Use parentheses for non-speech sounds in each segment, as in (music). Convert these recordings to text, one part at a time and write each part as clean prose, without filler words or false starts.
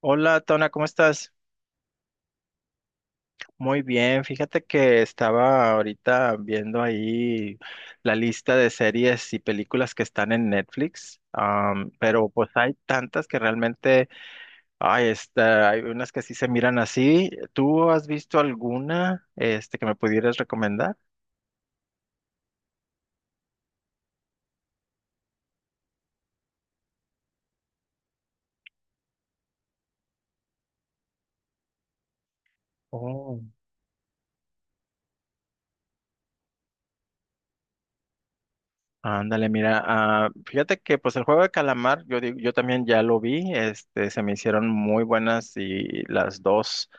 Hola, Tona, ¿cómo estás? Muy bien, fíjate que estaba ahorita viendo ahí la lista de series y películas que están en Netflix, pero pues hay tantas que realmente, ay, hay unas que sí se miran así. ¿Tú has visto alguna, que me pudieras recomendar? Oh. Ándale, mira, fíjate que pues el Juego de Calamar, yo digo, yo también ya lo vi, se me hicieron muy buenas y las dos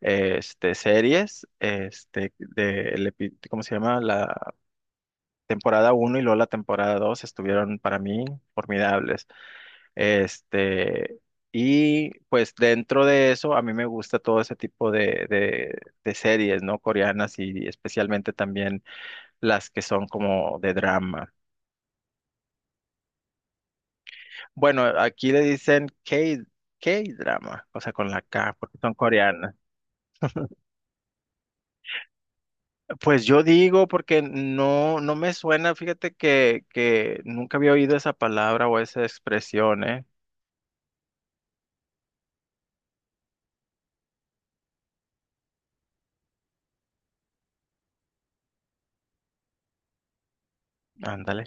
series, de, ¿cómo se llama? La temporada uno y luego la temporada 2 estuvieron para mí formidables. Este, y pues dentro de eso, a mí me gusta todo ese tipo de series, ¿no? Coreanas y especialmente también las que son como de drama. Bueno, aquí le dicen K, K-drama, o sea, con la K, porque son coreanas. Pues yo digo, porque no, no me suena, fíjate que nunca había oído esa palabra o esa expresión, ¿eh? Ándale.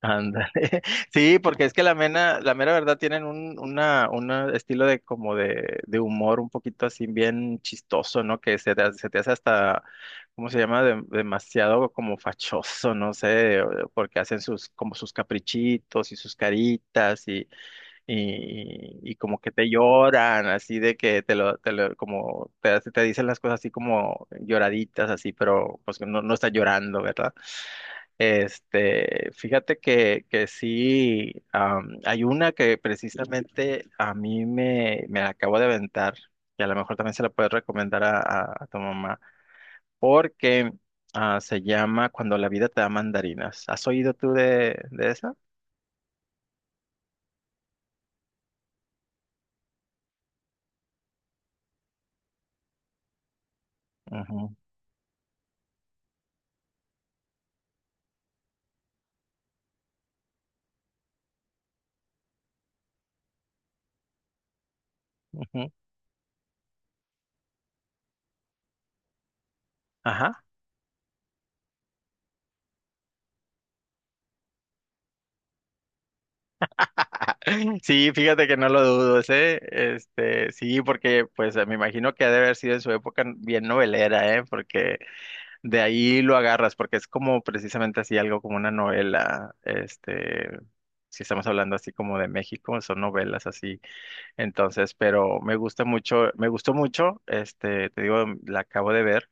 Ándale. (laughs) Sí, porque es que la mera verdad tienen un una estilo de como de humor un poquito así bien chistoso, ¿no? Que se te hace hasta, ¿cómo se llama? Demasiado como fachoso, no sé, porque hacen sus, como sus caprichitos y sus caritas y como que te lloran, así de que como te dicen las cosas así como lloraditas, así, pero pues que no, no está llorando, ¿verdad? Fíjate que sí, hay una que precisamente a mí me la acabo de aventar, que a lo mejor también se la puedes recomendar a, a tu mamá, porque se llama Cuando la vida te da mandarinas. ¿Has oído tú de esa? Ujú, ujú. Ajá. Sí, fíjate que no lo dudo, ¿eh? Sí, porque pues me imagino que ha de haber sido en su época bien novelera, ¿eh? Porque de ahí lo agarras, porque es como precisamente así algo como una novela, si estamos hablando así como de México, son novelas así. Entonces, pero me gusta mucho, me gustó mucho, te digo, la acabo de ver,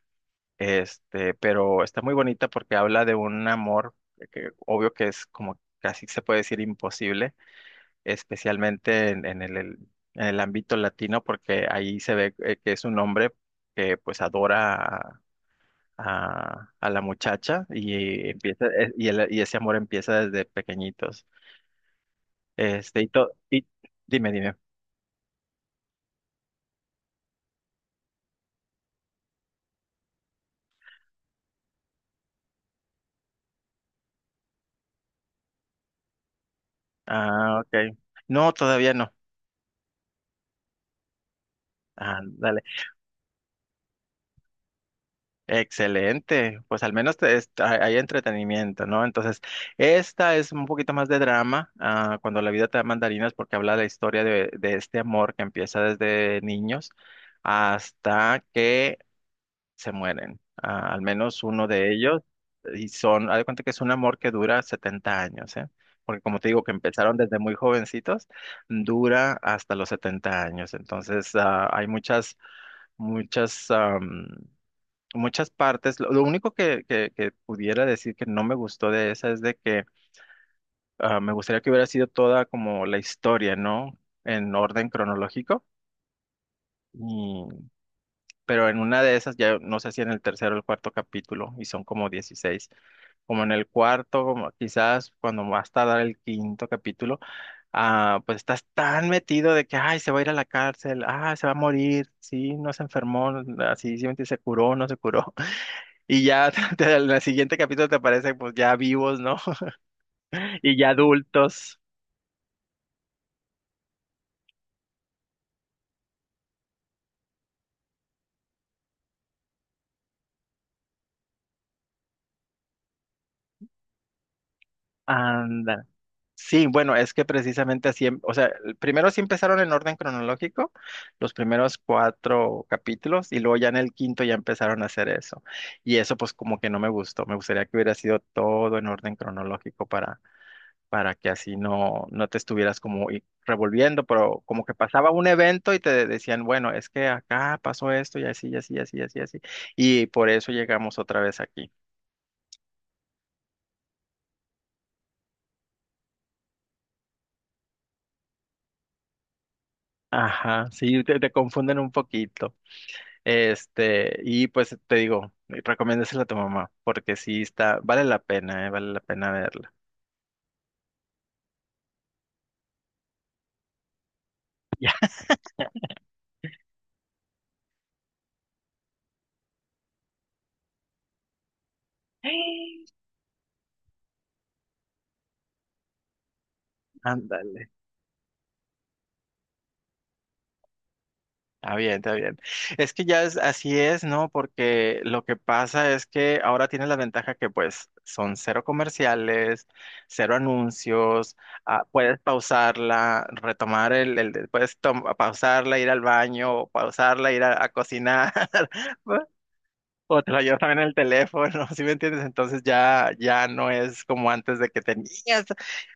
pero está muy bonita porque habla de un amor que obvio que es como casi se puede decir imposible especialmente en el ámbito latino, porque ahí se ve que es un hombre que pues adora a, a la muchacha y empieza y ese amor empieza desde pequeñitos. Este, y, to- y dime, dime. Ah, ok. No, todavía no. Ah, excelente, pues al menos hay entretenimiento, ¿no? Entonces, esta es un poquito más de drama, cuando la vida te da mandarinas, porque habla de la historia de este amor que empieza desde niños hasta que se mueren. Ah, al menos uno de ellos, y son, haz de cuenta que es un amor que dura 70 años, ¿eh? Porque como te digo, que empezaron desde muy jovencitos, dura hasta los 70 años, entonces hay muchas muchas muchas partes. Lo único que pudiera decir que no me gustó de esa es de que me gustaría que hubiera sido toda como la historia, ¿no? En orden cronológico. Y- pero en una de esas, ya no sé si en el tercero o el cuarto capítulo, y son como 16, como en el cuarto, como quizás cuando va a dar el quinto capítulo, pues estás tan metido de que, ay, se va a ir a la cárcel, se va a morir, sí, no se enfermó, así, sí, se curó, no se curó. Y ya (laughs) en el siguiente capítulo te aparecen pues ya vivos, ¿no? (laughs) Y ya adultos. Anda. Sí, bueno, es que precisamente así, o sea, primero sí empezaron en orden cronológico, los primeros cuatro capítulos, y luego ya en el quinto ya empezaron a hacer eso. Y eso pues como que no me gustó, me gustaría que hubiera sido todo en orden cronológico para que así no, no te estuvieras como revolviendo, pero como que pasaba un evento y decían, bueno, es que acá pasó esto y así, y así, y así, y así, y así, y por eso llegamos otra vez aquí. Ajá, sí, te confunden un poquito. Y pues te digo, recomiéndasela a tu mamá, porque sí está, vale la pena verla. (laughs) Ya, (gasps) ándale. Está bien, está bien. Es que ya es así es, ¿no? Porque lo que pasa es que ahora tiene la ventaja que pues son cero comerciales, cero anuncios, puedes pausarla, retomar pausarla, ir al baño, o pausarla, ir a cocinar, (laughs) o te lo llevas también en el teléfono, (laughs) ¿sí me entiendes? Entonces ya no es como antes de que tenías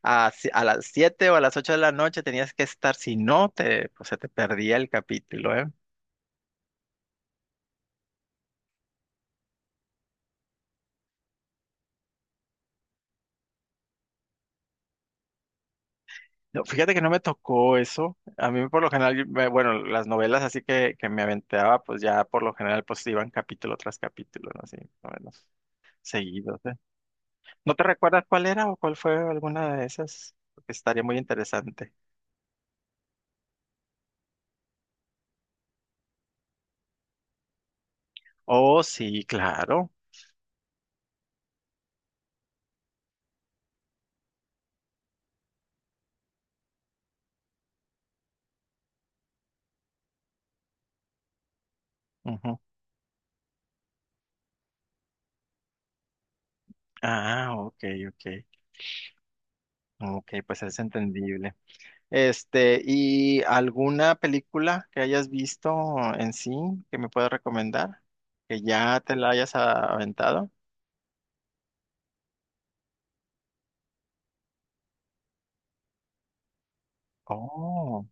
a, si- a las 7 o a las 8 de la noche tenías que estar, si no te, pues se te perdía el capítulo, ¿eh? No, fíjate que no me tocó eso. A mí por lo general, bueno, las novelas así que me aventaba, pues ya por lo general pues iban capítulo tras capítulo, ¿no? Así, más o menos seguidos, ¿eh? ¿No te recuerdas cuál era o cuál fue alguna de esas? Porque estaría muy interesante. Oh, sí, claro. Ujú. Ah, ok, ok. Ok, pues es entendible. ¿Y alguna película que hayas visto en sí que me puedas recomendar? Que ya te la hayas aventado. Oh.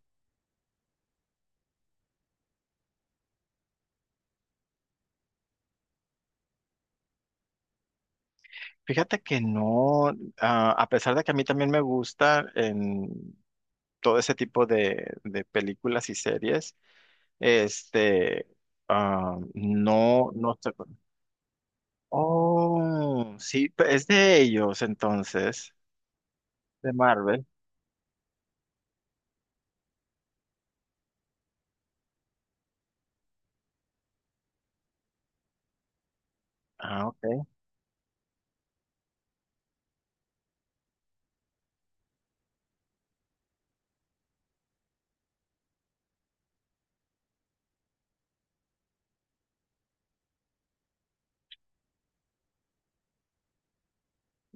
Fíjate que no, a pesar de que a mí también me gusta en todo ese tipo de películas y series, este, no, no sé. Oh, sí, es de ellos entonces, de Marvel. Ah, ok.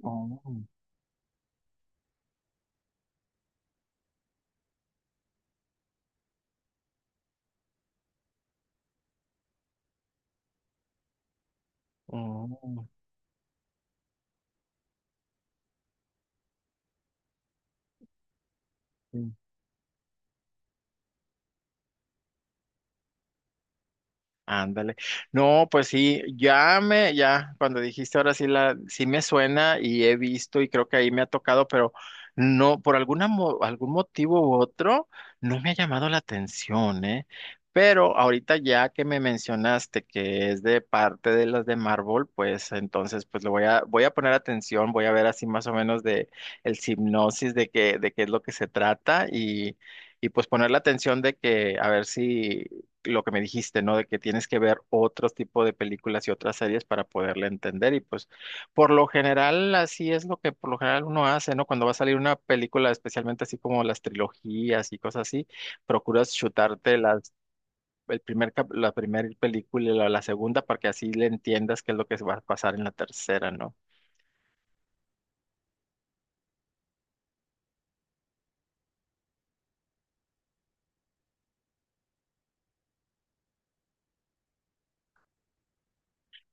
Oh, oh, sí. Ándale. No, pues sí, cuando dijiste ahora sí sí me suena y he visto y creo que ahí me ha tocado, pero no, por alguna, algún motivo u otro, no me ha llamado la atención, ¿eh? Pero ahorita ya que me mencionaste que es de parte de las de Marvel, pues entonces pues le voy a poner atención, voy a ver así más o menos de el hipnosis de qué es lo que se trata y pues poner la atención de que a ver si lo que me dijiste, ¿no? De que tienes que ver otros tipo de películas y otras series para poderle entender. Y pues, por lo general, así es lo que por lo general uno hace, ¿no? Cuando va a salir una película, especialmente así como las trilogías y cosas así, procuras chutarte las, el primer, cap- la primera película y la segunda para que así le entiendas qué es lo que va a pasar en la tercera, ¿no?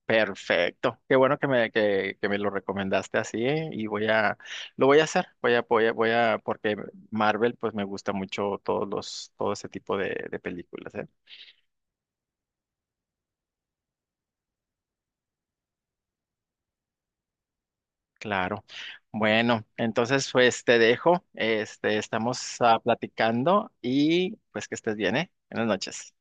Perfecto. Qué bueno que me lo recomendaste así, ¿eh? Y lo voy a hacer, porque Marvel, pues me gusta mucho todos todo ese tipo de películas, ¿eh? Claro. Bueno, entonces pues te dejo, estamos platicando y pues que estés bien, ¿eh? Buenas noches.